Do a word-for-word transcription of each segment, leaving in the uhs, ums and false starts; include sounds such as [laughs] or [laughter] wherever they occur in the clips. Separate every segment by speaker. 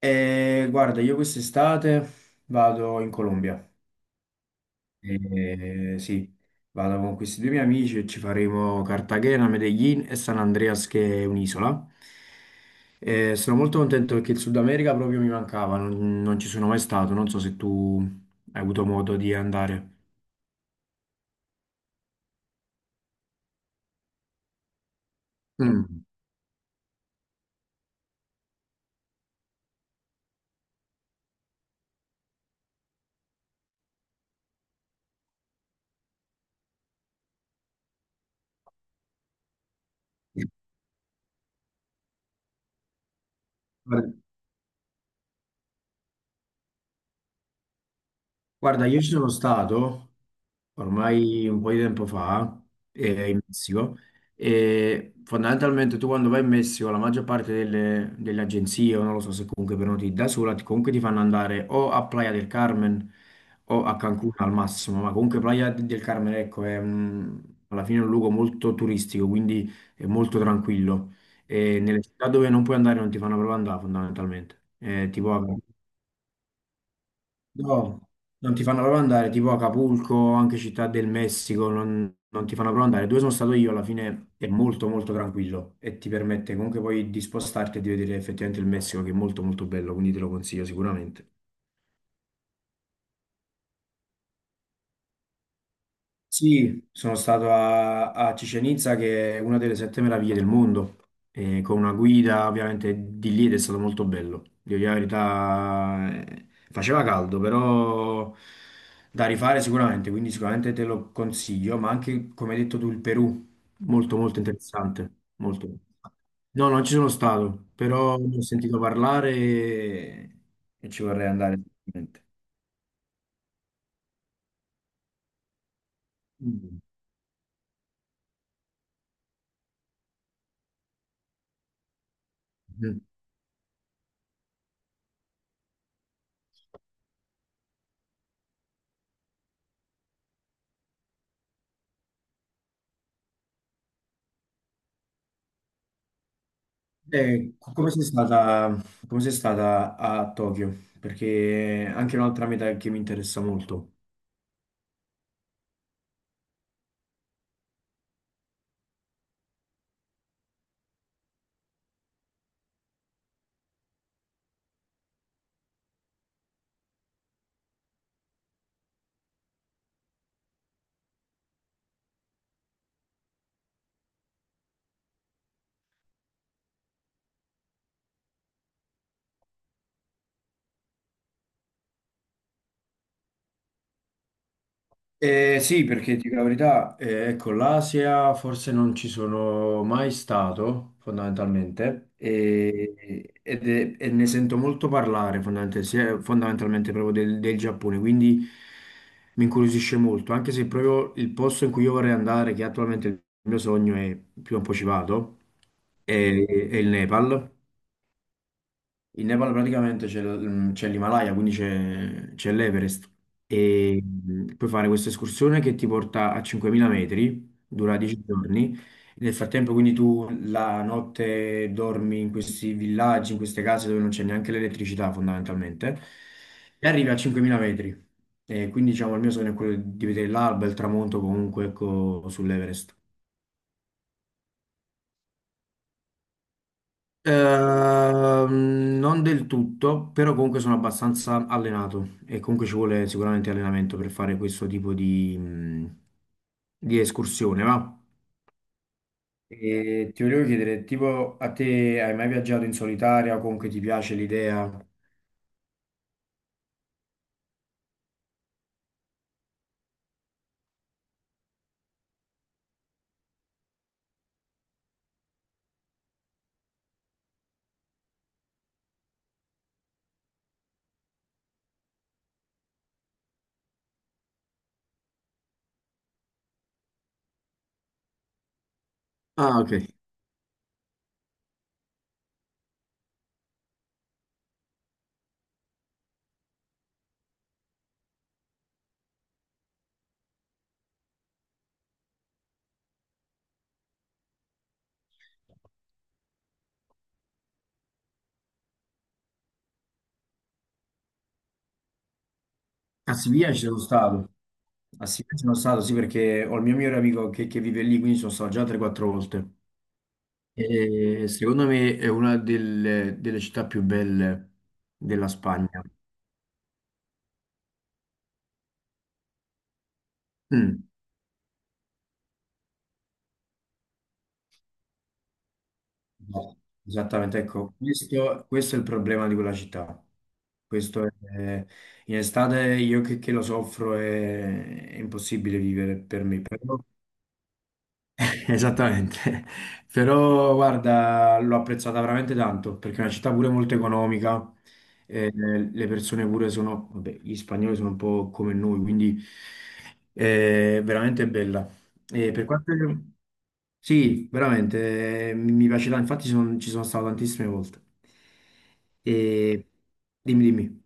Speaker 1: Eh, guarda, io quest'estate vado in Colombia. Eh, sì, vado con questi due miei amici e ci faremo Cartagena, Medellin e San Andreas, che è un'isola. Eh, sono molto contento perché il Sud America proprio mi mancava, non, non ci sono mai stato. Non so se tu hai avuto modo di andare. Mm. Guarda, guarda, io ci sono stato ormai un po' di tempo fa, eh, in Messico, e fondamentalmente tu quando vai in Messico la maggior parte delle, delle agenzie, o non lo so se comunque prenoti da sola, ti- comunque ti fanno andare o a Playa del Carmen o a Cancun al massimo, ma comunque Playa del Carmen, ecco, è un- alla fine è un luogo molto turistico, quindi è molto tranquillo. E nelle città dove non puoi andare non ti fanno proprio andare fondamentalmente, eh, tipo a Cancun. No, non ti fanno proprio andare, tipo Acapulco, anche Città del Messico, non, non ti fanno proprio andare. Dove sono stato io, alla fine è molto molto tranquillo e ti permette comunque poi di spostarti e di vedere effettivamente il Messico che è molto molto bello, quindi te lo consiglio sicuramente. Sì, sono stato a, a Chichén Itzá, che è una delle sette meraviglie del mondo, e con una guida ovviamente di lì ed è stato molto bello. Devo dire la verità, eh, faceva caldo, però da rifare sicuramente, quindi sicuramente te lo consiglio, ma anche, come hai detto tu, il Perù, molto molto interessante, molto. No, non ci sono stato, però ne ho sentito parlare e, e ci vorrei andare. Sicuramente. Mm. Eh, co- come sei stata, come sei stata a Tokyo? Perché è anche un'altra meta che mi interessa molto. Eh, sì, perché dico la verità, eh, ecco, l'Asia forse non ci sono mai stato, fondamentalmente, e, ed è- e ne sento molto parlare, fondamentalmente, sia- fondamentalmente proprio del, del Giappone, quindi mi incuriosisce molto, anche se proprio il posto in cui io vorrei andare, che attualmente il mio sogno è, prima o poi ci vado, è, è il Nepal. In Nepal praticamente c'è l- mm, c'è l'Himalaya, quindi c'è c'è l'Everest e mh, puoi fare questa escursione che ti porta a cinquemila metri, dura dieci giorni. Nel frattempo quindi tu la notte dormi in questi villaggi, in queste case dove non c'è neanche l'elettricità fondamentalmente e arrivi a cinquemila metri. E quindi diciamo il mio sogno è quello di vedere l'alba, e il tramonto comunque ecco, sull'Everest. Ehm, non del tutto, però comunque sono abbastanza allenato e comunque ci vuole sicuramente allenamento per fare questo tipo di, mh, di escursione, va? E ti volevo chiedere, tipo a te hai mai viaggiato in solitaria o comunque ti piace l'idea? Ah, ok. A Siviglia ci sono stato. A Siviglia ci sono stato, sì, perché ho il mio migliore amico che, che vive lì, quindi sono stato già tre quattro volte. E secondo me è una delle, delle città più belle della Spagna. Mm. No, esattamente, ecco, questo, questo è il problema di quella città. Questo è- In estate io che, che lo soffro è, è impossibile vivere per me. Esattamente, [laughs] però guarda, l'ho apprezzata veramente tanto perché è una città pure molto economica, eh, le persone pure sono, vabbè, gli spagnoli sono un po' come noi, quindi è veramente bella. E per quanto... Sì, veramente, eh, mi mi piace tanto, infatti ci sono, ci sono stato tantissime volte. E... Dimmi, dimmi,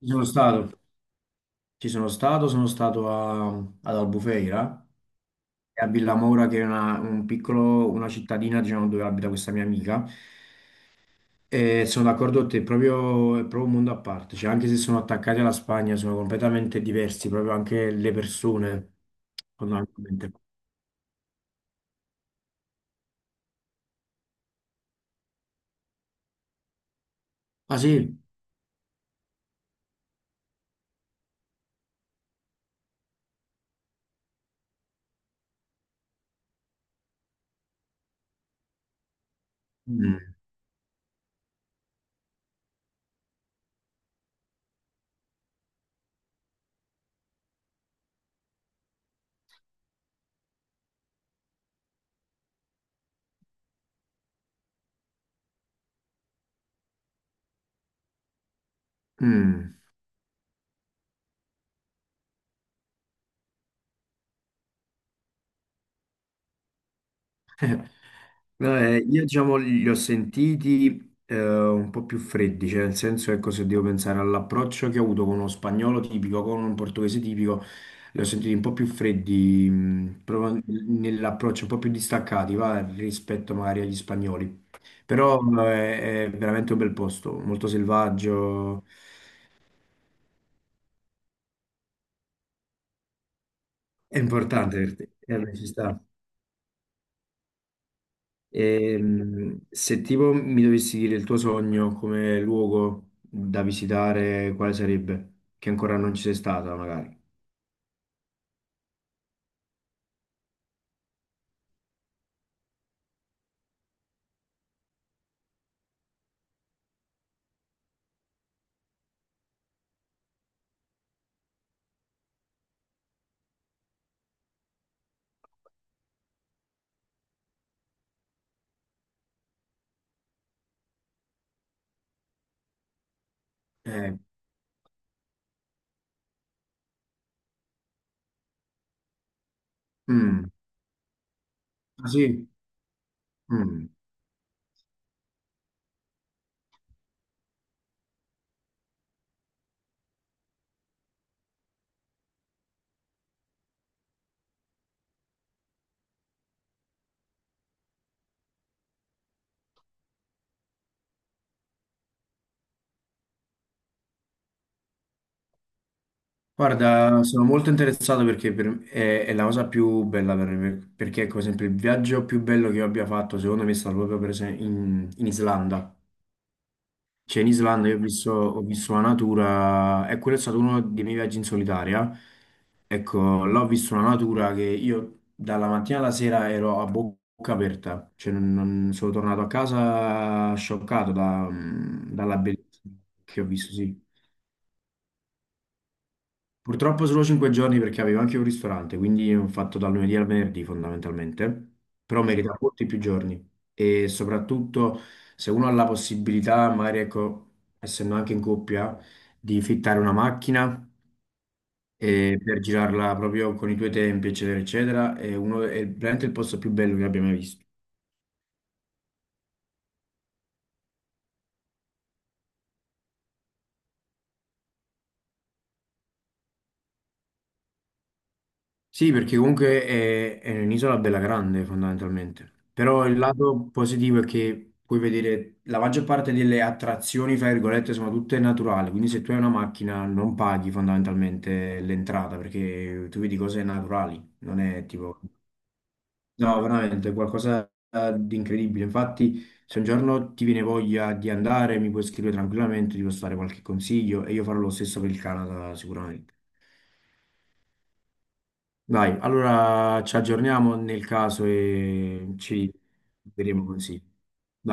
Speaker 1: ci sono stato, ci sono stato, sono stato a- ad Albufeira. È a Villamoura, che è una, un piccolo- una cittadina, diciamo, dove abita questa mia amica. E sono d'accordo con te, è proprio, è proprio un mondo a parte, cioè, anche se sono attaccati alla Spagna, sono completamente diversi, proprio anche le persone, fondamentalmente. Ah sì? Mm. Mm. No, eh, io diciamo li ho sentiti eh, un po' più freddi, cioè nel senso ecco se devo pensare all'approccio che ho avuto con uno spagnolo tipico, con un portoghese tipico, li ho sentiti un po' più freddi, mh, proprio nell'approccio un po' più distaccati, va, rispetto magari agli spagnoli. Però eh, è veramente un bel posto, molto selvaggio, è importante per te, eh, beh, ci sta. Ehm, se tipo mi dovessi dire il tuo sogno come luogo da visitare, quale sarebbe? Che ancora non ci sei stata, magari. Eh, mm, ah, sì? Mm. Guarda, sono molto interessato perché per- è, è la cosa più bella per me, perché ecco, per esempio il viaggio più bello che io abbia fatto, secondo me, è stato proprio per esempio in, in Islanda. Cioè, in Islanda io ho visto, ho visto la natura, e quello è stato uno dei miei viaggi in solitaria. Ecco, là ho visto una natura che io dalla mattina alla sera ero a bocca aperta, cioè non, non- sono tornato a casa scioccato da- dalla bellezza che ho visto, sì. Purtroppo solo cinque giorni perché avevo anche un ristorante, quindi ho fatto dal lunedì al venerdì fondamentalmente, però merita molti più giorni e soprattutto se uno ha la possibilità, magari ecco, essendo anche in coppia, di fittare una macchina e per girarla proprio con i tuoi tempi, eccetera, eccetera, è, uno, è veramente il posto più bello che abbia mai visto. Sì, perché comunque è, è un'isola bella grande fondamentalmente, però il lato positivo è che puoi vedere la maggior parte delle attrazioni, fra virgolette, sono tutte naturali, quindi se tu hai una macchina non paghi fondamentalmente l'entrata perché tu vedi cose naturali, non è tipo... No, veramente è qualcosa eh, di incredibile. Infatti, se un giorno ti viene voglia di andare, mi puoi scrivere tranquillamente, ti posso dare qualche consiglio e io farò lo stesso per il Canada sicuramente. Dai, allora ci aggiorniamo nel caso e ci vedremo così. Dai.